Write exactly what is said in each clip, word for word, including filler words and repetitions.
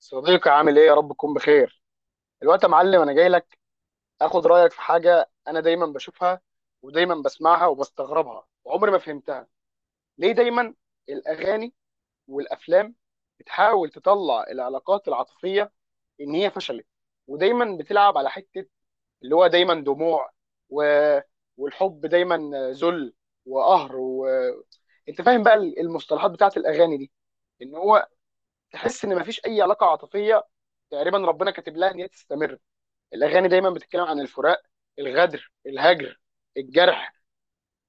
صديقي، عامل ايه؟ يا رب تكون بخير. الوقت يا معلم، انا جاي لك. اخد رايك في حاجه انا دايما بشوفها، ودايما بسمعها وبستغربها وعمري ما فهمتها. ليه دايما الاغاني والافلام بتحاول تطلع العلاقات العاطفيه ان هي فشلت؟ ودايما بتلعب على حته اللي هو دايما دموع و... والحب دايما ذل وقهر و... انت فاهم بقى المصطلحات بتاعت الاغاني دي؟ ان هو تحس ان مفيش اي علاقه عاطفيه تقريبا ربنا كاتب لها ان هي تستمر. الاغاني دايما بتتكلم عن الفراق، الغدر، الهجر، الجرح.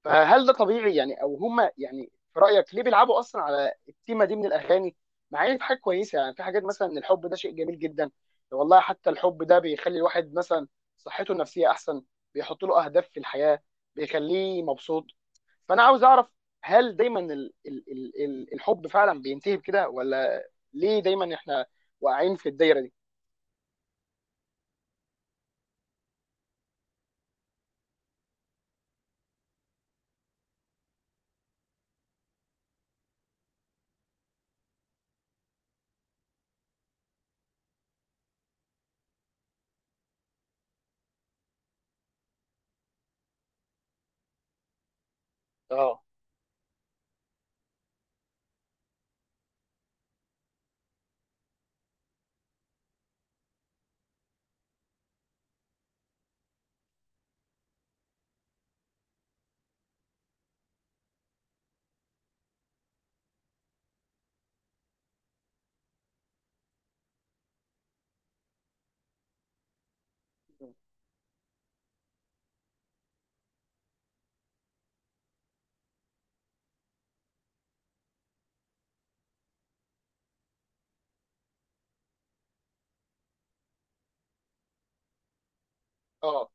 فهل ده طبيعي يعني؟ او هما يعني في رايك ليه بيلعبوا اصلا على التيمه دي من الاغاني؟ مع ان في حاجات كويسه، يعني في حاجات مثلا ان الحب ده شيء جميل جدا، والله حتى الحب ده بيخلي الواحد مثلا صحته النفسيه احسن، بيحط له اهداف في الحياه، بيخليه مبسوط. فانا عاوز اعرف هل دايما ال ال ال ال الحب فعلا بينتهي بكده؟ ولا ليه دايما احنا واقعين في الدايره دي؟ اه. اه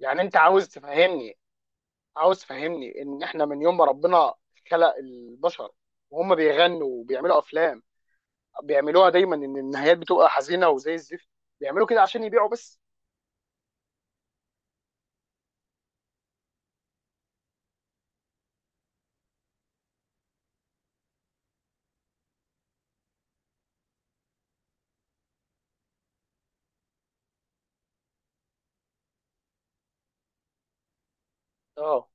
يعني انت عاوز تفهمني، عاوز تفهمني ان احنا من يوم ما ربنا خلق البشر وهم بيغنوا وبيعملوا افلام، بيعملوها دايما ان النهايات بتبقى حزينه وزي الزفت؟ بيعملوا كده عشان يبيعوا بس؟ اه.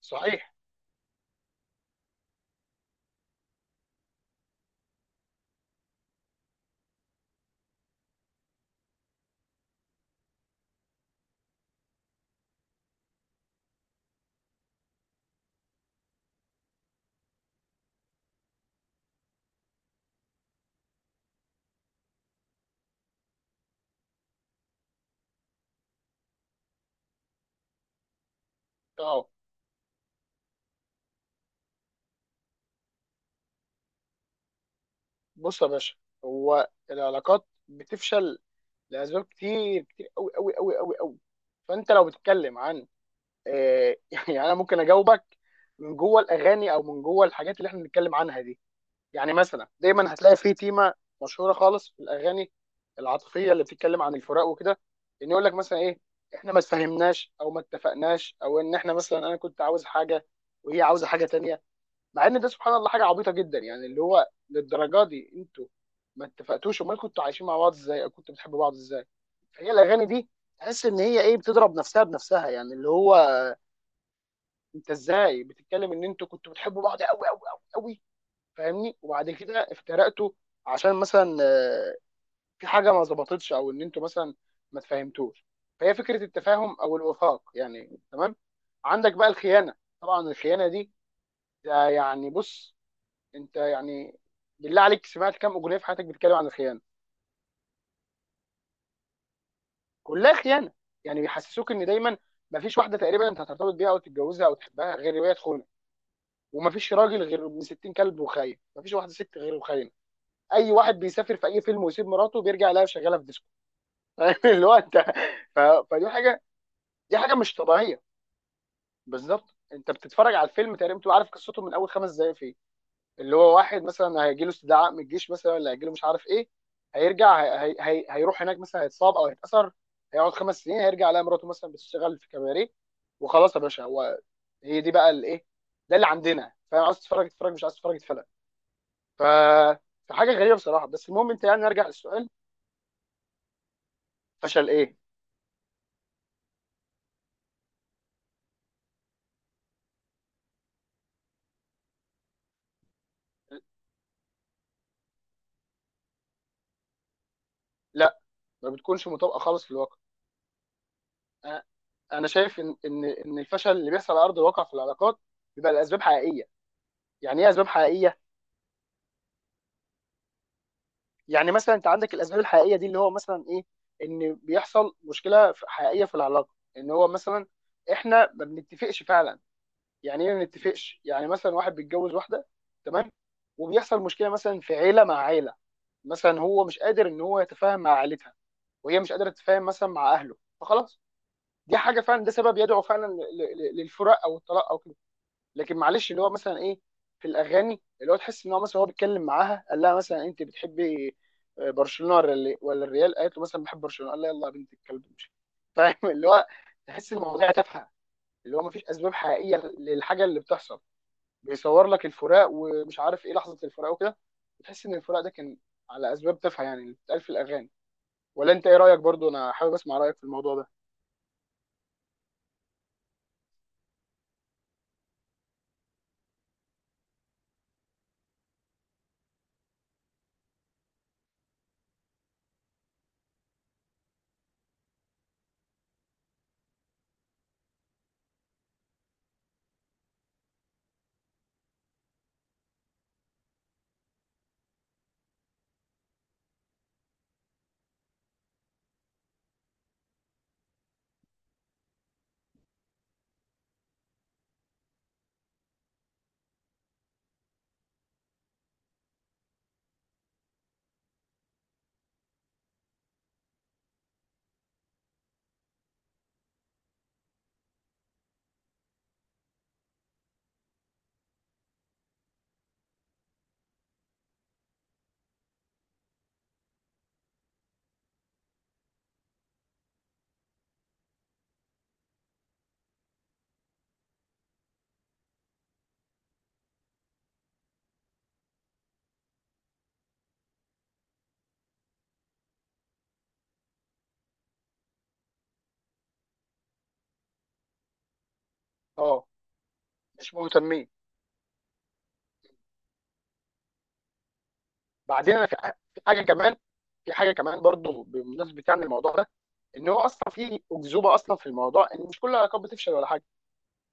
صحيح. اه. بص يا باشا، هو العلاقات بتفشل لاسباب كتير، كتير قوي قوي قوي قوي قوي. فانت لو بتتكلم عن آه يعني انا ممكن اجاوبك من جوه الاغاني او من جوه الحاجات اللي احنا بنتكلم عنها دي. يعني مثلا دايما هتلاقي في تيمه مشهوره خالص في الاغاني العاطفيه اللي بتتكلم عن الفراق وكده، ان يقول لك مثلا ايه، احنا ما اتفهمناش او ما اتفقناش، او ان احنا مثلا انا كنت عاوز حاجه وهي عاوزه حاجه تانية. مع ان ده سبحان الله حاجه عبيطه جدا، يعني اللي هو للدرجه دي انتوا ما اتفقتوش؟ امال كنتوا عايشين مع بعض ازاي، او كنتوا بتحبوا بعض ازاي؟ فهي الاغاني دي تحس ان هي ايه، بتضرب نفسها بنفسها، يعني اللي هو انت ازاي بتتكلم ان انتوا كنتوا بتحبوا بعض قوي قوي قوي، فاهمني، وبعد كده افترقتوا عشان مثلا آه، في حاجه ما ظبطتش، او ان انتوا مثلا ما تفهمتوش. فهي فكره التفاهم او الوفاق، يعني تمام. عندك بقى الخيانه. طبعا الخيانه دي، ده يعني بص، انت يعني بالله عليك سمعت كام اغنيه في حياتك بتتكلم عن الخيانه؟ كلها خيانه. يعني بيحسسوك ان دايما ما فيش واحده تقريبا انت هترتبط بيها او تتجوزها او تحبها غير وهي تخونه، وما فيش راجل غير ابن ستين كلب وخاين، ما فيش واحده ست غير وخاينه. اي واحد بيسافر في اي فيلم ويسيب مراته بيرجع لها شغاله في اللي هو انت. ف... فدي حاجه، دي حاجه مش طبيعيه. بالظبط، انت بتتفرج على الفيلم تقريبا بتبقى عارف قصته من اول خمس دقائق فيه. اللي هو واحد مثلا هيجي له استدعاء من الجيش مثلا، ولا هيجي له مش عارف ايه، هيرجع هي... هي... هي... هيروح هناك مثلا، هيتصاب او هيتاثر، هيقعد خمس سنين هيرجع على مراته مثلا بتشتغل في كباريه. وخلاص يا باشا، هو هي دي بقى الايه؟ ده اللي عندنا. فاهم؟ عاوز تتفرج اتفرج، مش عاوز تتفرج اتفرج. ف فحاجه غريبه بصراحه. بس المهم انت يعني نرجع للسؤال. فشل ايه؟ لا، ما بتكونش مطابقه خالص في الواقع. انا شايف ان ان ان الفشل اللي بيحصل على ارض الواقع في العلاقات بيبقى لاسباب حقيقيه. يعني ايه اسباب حقيقيه؟ يعني مثلا انت عندك الاسباب الحقيقيه دي اللي هو مثلا ايه، ان بيحصل مشكله في- حقيقيه في العلاقه ان هو مثلا احنا ما بنتفقش فعلا. يعني ايه ما بنتفقش؟ يعني مثلا واحد بيتجوز واحده، تمام، وبيحصل مشكله مثلا في عيله مع عيله، مثلا هو مش قادر ان هو يتفاهم مع عيلتها، وهي مش قادره تتفاهم مثلا مع اهله، فخلاص. دي حاجه فعلا، ده سبب يدعو فعلا ل- ل- للفراق او الطلاق او كده. لكن معلش اللي هو مثلا ايه، في الاغاني اللي هو تحس ان هو مثلا هو بيتكلم معاها قال لها مثلا انت بتحبي برشلونه ولا ال- ولا الريال، قالت له مثلا بحب برشلونه، قال لها يلا يا بنت الكلب امشي. فاهم اللي هو تحس المواضيع تافهه، اللي هو مفيش اسباب حقيقيه للحاجه اللي بتحصل. بيصور لك الفراق ومش عارف ايه لحظه الفراق وكده، تحس ان الفراق ده كان على اسباب تافهه، يعني اللي بتتقال في الاغاني. ولا انت ايه رايك؟ برضو انا حابب اسمع رايك في الموضوع ده. اه. مش مهتمين. بعدين انا في ح- في حاجه كمان، في حاجه كمان برضو بمناسبه يعني الموضوع ده، ان هو اصلا في اكذوبه اصلا في الموضوع ان مش كل العلاقات بتفشل ولا حاجه.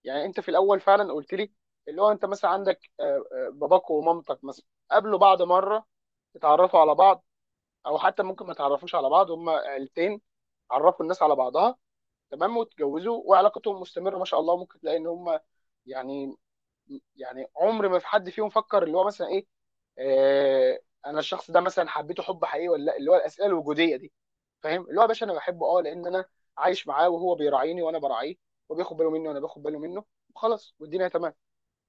يعني انت في الاول فعلا قلت لي اللي هو انت مثلا عندك آه، آه، باباك ومامتك مثلا قابلوا بعض مره، اتعرفوا على بعض، او حتى ممكن ما تعرفوش على بعض، هما عيلتين عرفوا الناس على بعضها، تمام، واتجوزوا وعلاقتهم مستمره ما شاء الله. ممكن تلاقي ان هما يعني، يعني عمر ما في حد فيهم فكر اللي هو مثلا ايه، آه، انا الشخص ده مثلا حبيته حب حقيقي ولا لا، اللي هو الاسئله الوجوديه دي، فاهم؟ اللي هو يا باشا انا بحبه اه لان انا عايش معاه وهو بيراعيني وانا براعيه، وبياخد باله مني وانا باخد باله منه، خلاص والدنيا تمام.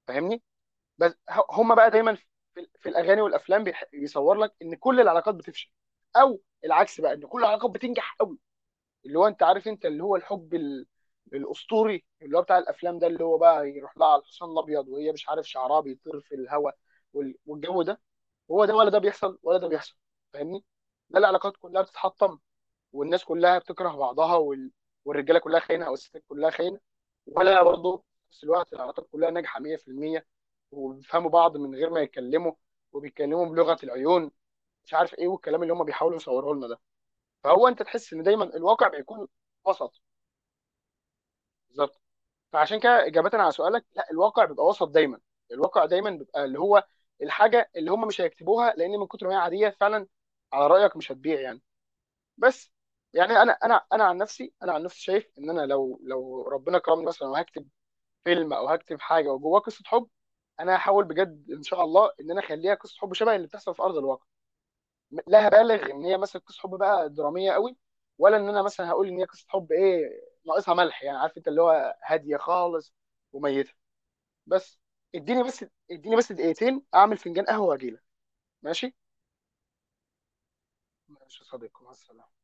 فاهمني؟ بس ه- هم بقى دايما في, في الاغاني والافلام بيح- بيصور لك ان كل العلاقات بتفشل، او العكس بقى ان كل العلاقات بتنجح قوي، اللي هو انت عارف انت اللي هو الحب ال- الاسطوري اللي هو بتاع الافلام ده، اللي هو بقى يروح لها على الحصان الابيض وهي مش عارف شعرها بيطير في الهواء وال- والجو ده. هو ده ولا ده بيحصل ولا ده بيحصل؟ فاهمني؟ لا، العلاقات كلها بتتحطم، والناس كلها بتكره بعضها، وال... والرجاله كلها خاينه، او الستات كلها خاينه، ولا برضه في نفس الوقت العلاقات كلها ناجحه مئة في المئة، وبيفهموا بعض من غير ما يتكلموا، وبيتكلموا بلغه العيون، مش عارف ايه، والكلام اللي هم بيحاولوا يصوروه لنا ده. فهو انت تحس ان دايما الواقع بيكون وسط. بالظبط. فعشان كده اجابه على سؤالك، لا، الواقع بيبقى وسط دايما. الواقع دايما بيبقى اللي هو الحاجه اللي هم مش هيكتبوها لان من كتر ما هي عاديه فعلا، على رايك مش هتبيع يعني. بس يعني انا انا انا عن نفسي انا عن نفسي شايف ان انا لو لو ربنا كرمني مثلا وهكتب فيلم او هكتب حاجه وجواه قصه حب، انا هحاول بجد ان شاء الله ان انا اخليها قصه حب شبه اللي بتحصل في ارض الواقع. لا هبالغ ان هي مثلا قصه حب بقى دراميه قوي، ولا ان انا مثلا هقول ان هي قصه حب ايه، ناقصها ملح، يعني عارف انت اللي هو هاديه خالص وميته. بس. اديني بس، اديني بس دقيقتين اعمل فنجان قهوه واجيلك. ماشي. ماشي يا صديقي، مع السلامه.